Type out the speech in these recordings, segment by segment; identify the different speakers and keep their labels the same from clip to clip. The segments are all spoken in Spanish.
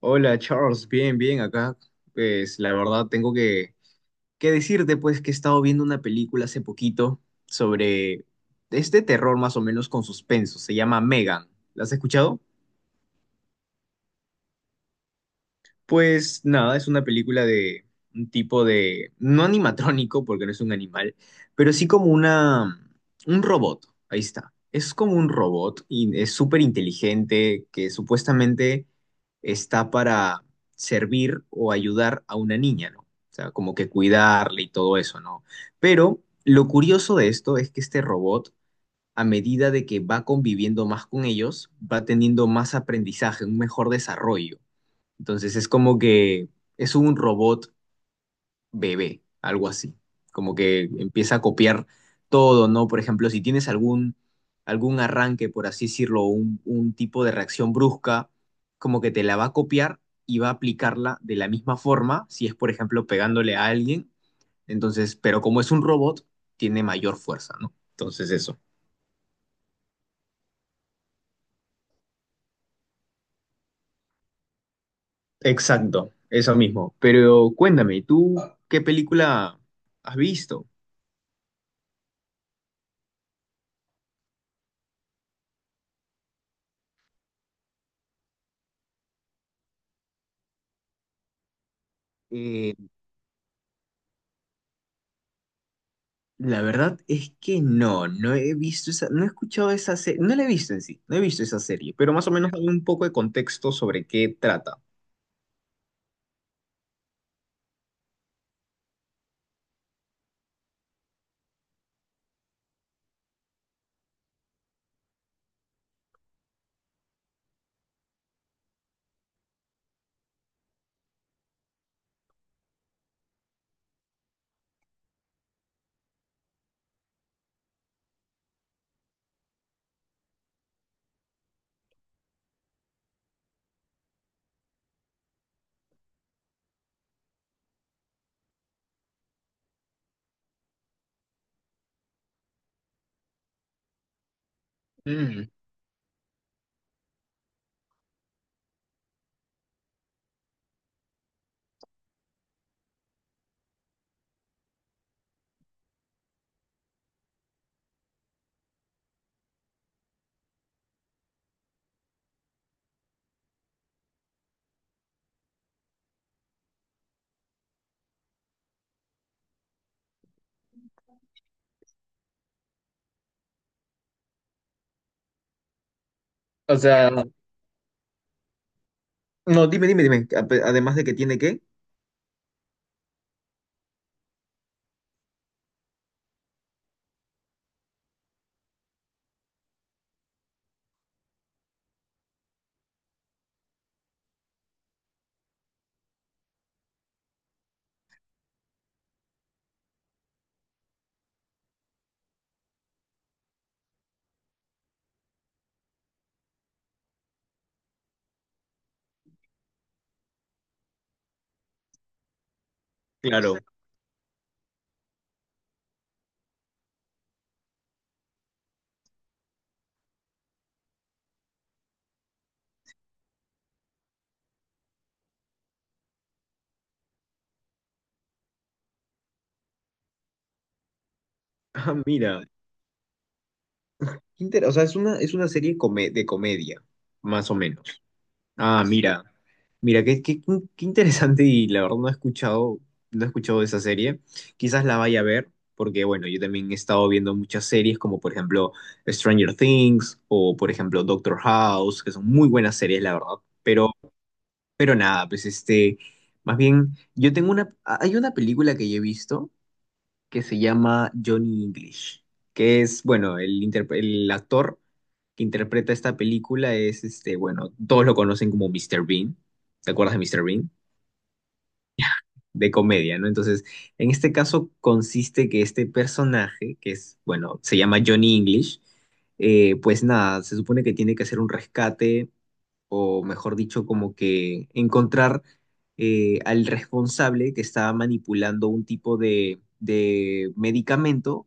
Speaker 1: Hola Charles, bien, bien, acá. Pues la verdad que decirte pues que he estado viendo una película hace poquito sobre este terror más o menos con suspenso, se llama Megan. ¿La has escuchado? Pues nada, es una película de un tipo de, no animatrónico porque no es un animal, pero sí como una, un robot, ahí está. Es como un robot y es súper inteligente que supuestamente está para servir o ayudar a una niña, ¿no? O sea, como que cuidarle y todo eso, ¿no? Pero lo curioso de esto es que este robot, a medida de que va conviviendo más con ellos, va teniendo más aprendizaje, un mejor desarrollo. Entonces es como que es un robot bebé, algo así. Como que empieza a copiar todo, ¿no? Por ejemplo, si tienes algún arranque, por así decirlo, un tipo de reacción brusca, como que te la va a copiar y va a aplicarla de la misma forma, si es, por ejemplo, pegándole a alguien. Entonces, pero como es un robot, tiene mayor fuerza, ¿no? Entonces eso. Exacto, eso mismo. Pero cuéntame, ¿tú qué película has visto? Eh, La verdad es que no he visto esa, no he escuchado esa serie, no la he visto en sí, no he visto esa serie, pero más o menos dame un poco de contexto sobre qué trata. Mm. O sea, no, dime, dime, dime, ape- además de que tiene qué. Claro. Ah, mira, inter- o sea, es una serie come- de comedia, más o menos. Ah, mira, mira, qué, qué, qué interesante y la verdad no he escuchado, no he escuchado de esa serie. Quizás la vaya a ver, porque bueno, yo también he estado viendo muchas series como por ejemplo Stranger Things o por ejemplo Doctor House, que son muy buenas series, la verdad. Pero, pero nada, pues este, más bien, yo tengo una, hay una película que yo he visto que se llama Johnny English, que es, bueno, el, interpre- el actor que interpreta esta película es, este, bueno, todos lo conocen como Mr. Bean. ¿Te acuerdas de Mr. Bean? De comedia, ¿no? Entonces, en este caso consiste que este personaje, que es, bueno, se llama Johnny English, pues nada, se supone que tiene que hacer un rescate, o mejor dicho, como que encontrar al responsable que estaba manipulando un tipo de medicamento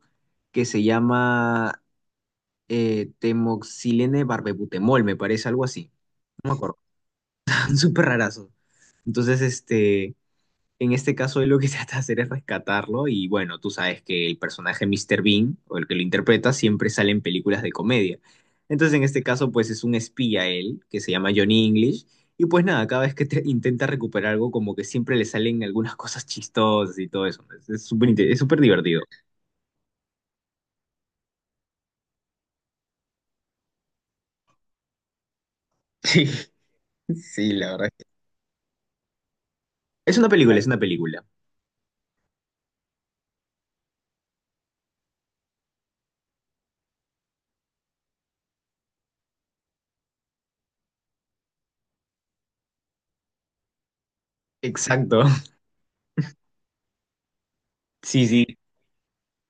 Speaker 1: que se llama temoxilene barbebutemol, me parece algo así, no me acuerdo, súper rarazo. Entonces, este, en este caso él lo que trata de hacer es rescatarlo y bueno, tú sabes que el personaje Mr. Bean, o el que lo interpreta, siempre sale en películas de comedia. Entonces, en este caso, pues es un espía él, que se llama Johnny English, y pues nada, cada vez que te- intenta recuperar algo, como que siempre le salen algunas cosas chistosas y todo eso. Es súper inte- es súper divertido. Sí, sí, la verdad es. Es una película, es que una película. Exacto. Sí, sí.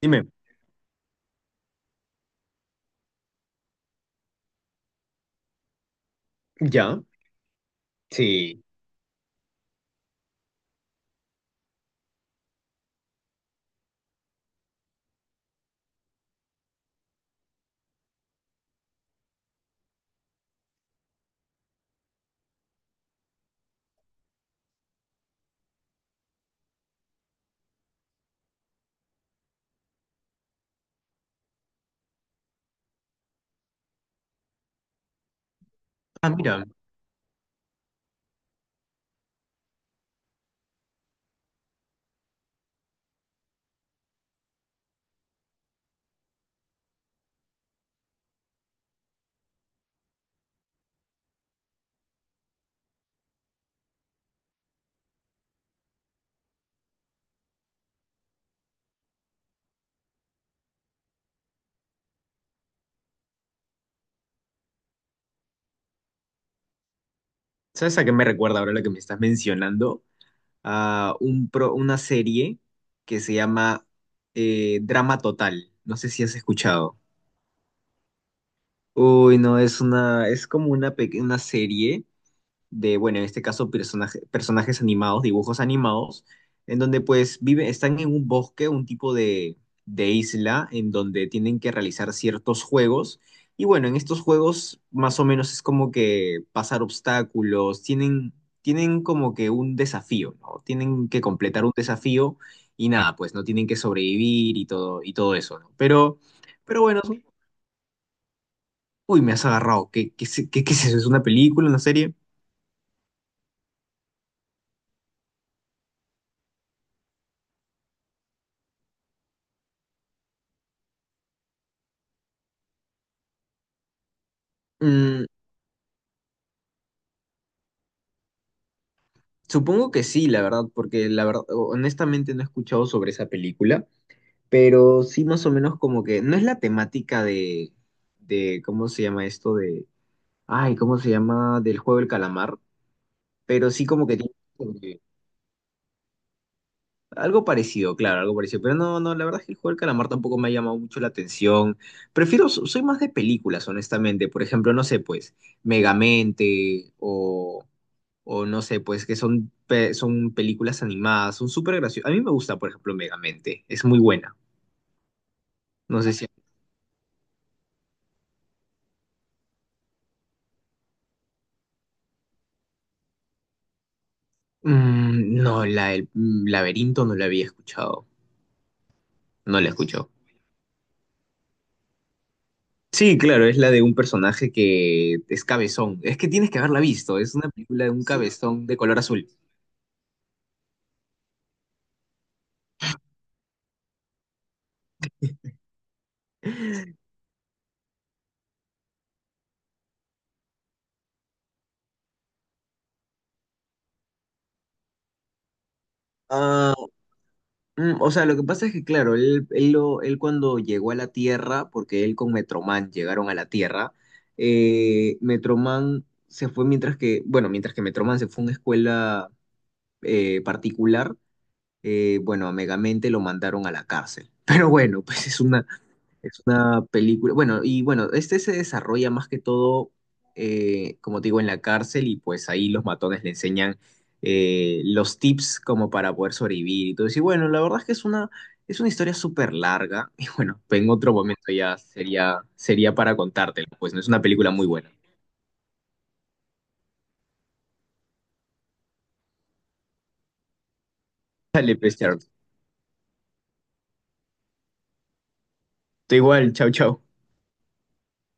Speaker 1: Dime. ¿Ya? Sí. Ah, mira. ¿Sabes a qué me recuerda ahora lo que me estás mencionando? A un pro- una serie que se llama Drama Total. No sé si has escuchado. Uy, no, es una, es como una pequeña serie de, bueno, en este caso personaje- personajes animados, dibujos animados, en donde pues viven, están en un bosque, un tipo de isla, en donde tienen que realizar ciertos juegos. Y bueno, en estos juegos más o menos es como que pasar obstáculos, tienen, tienen como que un desafío, ¿no? Tienen que completar un desafío y nada, pues no tienen que sobrevivir y todo eso, ¿no? Pero bueno, uy, me has agarrado. Qué, qué es eso? ¿Es una película, una serie? Mm, supongo que sí, la verdad, porque la verdad, honestamente no he escuchado sobre esa película, pero sí más o menos como que no es la temática de ¿cómo se llama esto? De, ay, ¿cómo se llama? Del juego del calamar, pero sí como que tiene, algo parecido, claro, algo parecido. Pero no, la verdad es que el juego del calamar tampoco me ha llamado mucho la atención. Prefiero, so- soy más de películas, honestamente. Por ejemplo, no sé, pues, Megamente o no sé, pues, que son, pe- son películas animadas, son súper graciosas. A mí me gusta, por ejemplo, Megamente, es muy buena. No sé si... Mm, no, la del mm, laberinto no la había escuchado. No la escuchó. Sí, claro, es la de un personaje que es cabezón. Es que tienes que haberla visto, es una película de un sí, cabezón de color azul. Ah, mm, o sea, lo que pasa es que, claro, él cuando llegó a la Tierra, porque él con Metroman llegaron a la Tierra, Metroman se fue mientras que, bueno, mientras que Metroman se fue a una escuela particular, bueno, a Megamente lo mandaron a la cárcel. Pero bueno, pues es una película. Bueno, y bueno, este se desarrolla más que todo, como te digo, en la cárcel y pues ahí los matones le enseñan los tips como para poder sobrevivir y todo eso. Y bueno, la verdad es que es una historia súper larga y bueno, pues, en otro momento ya sería, sería para contártela. Pues no es una película muy buena. Dale, pues, Charles. Tú igual, chau, chau.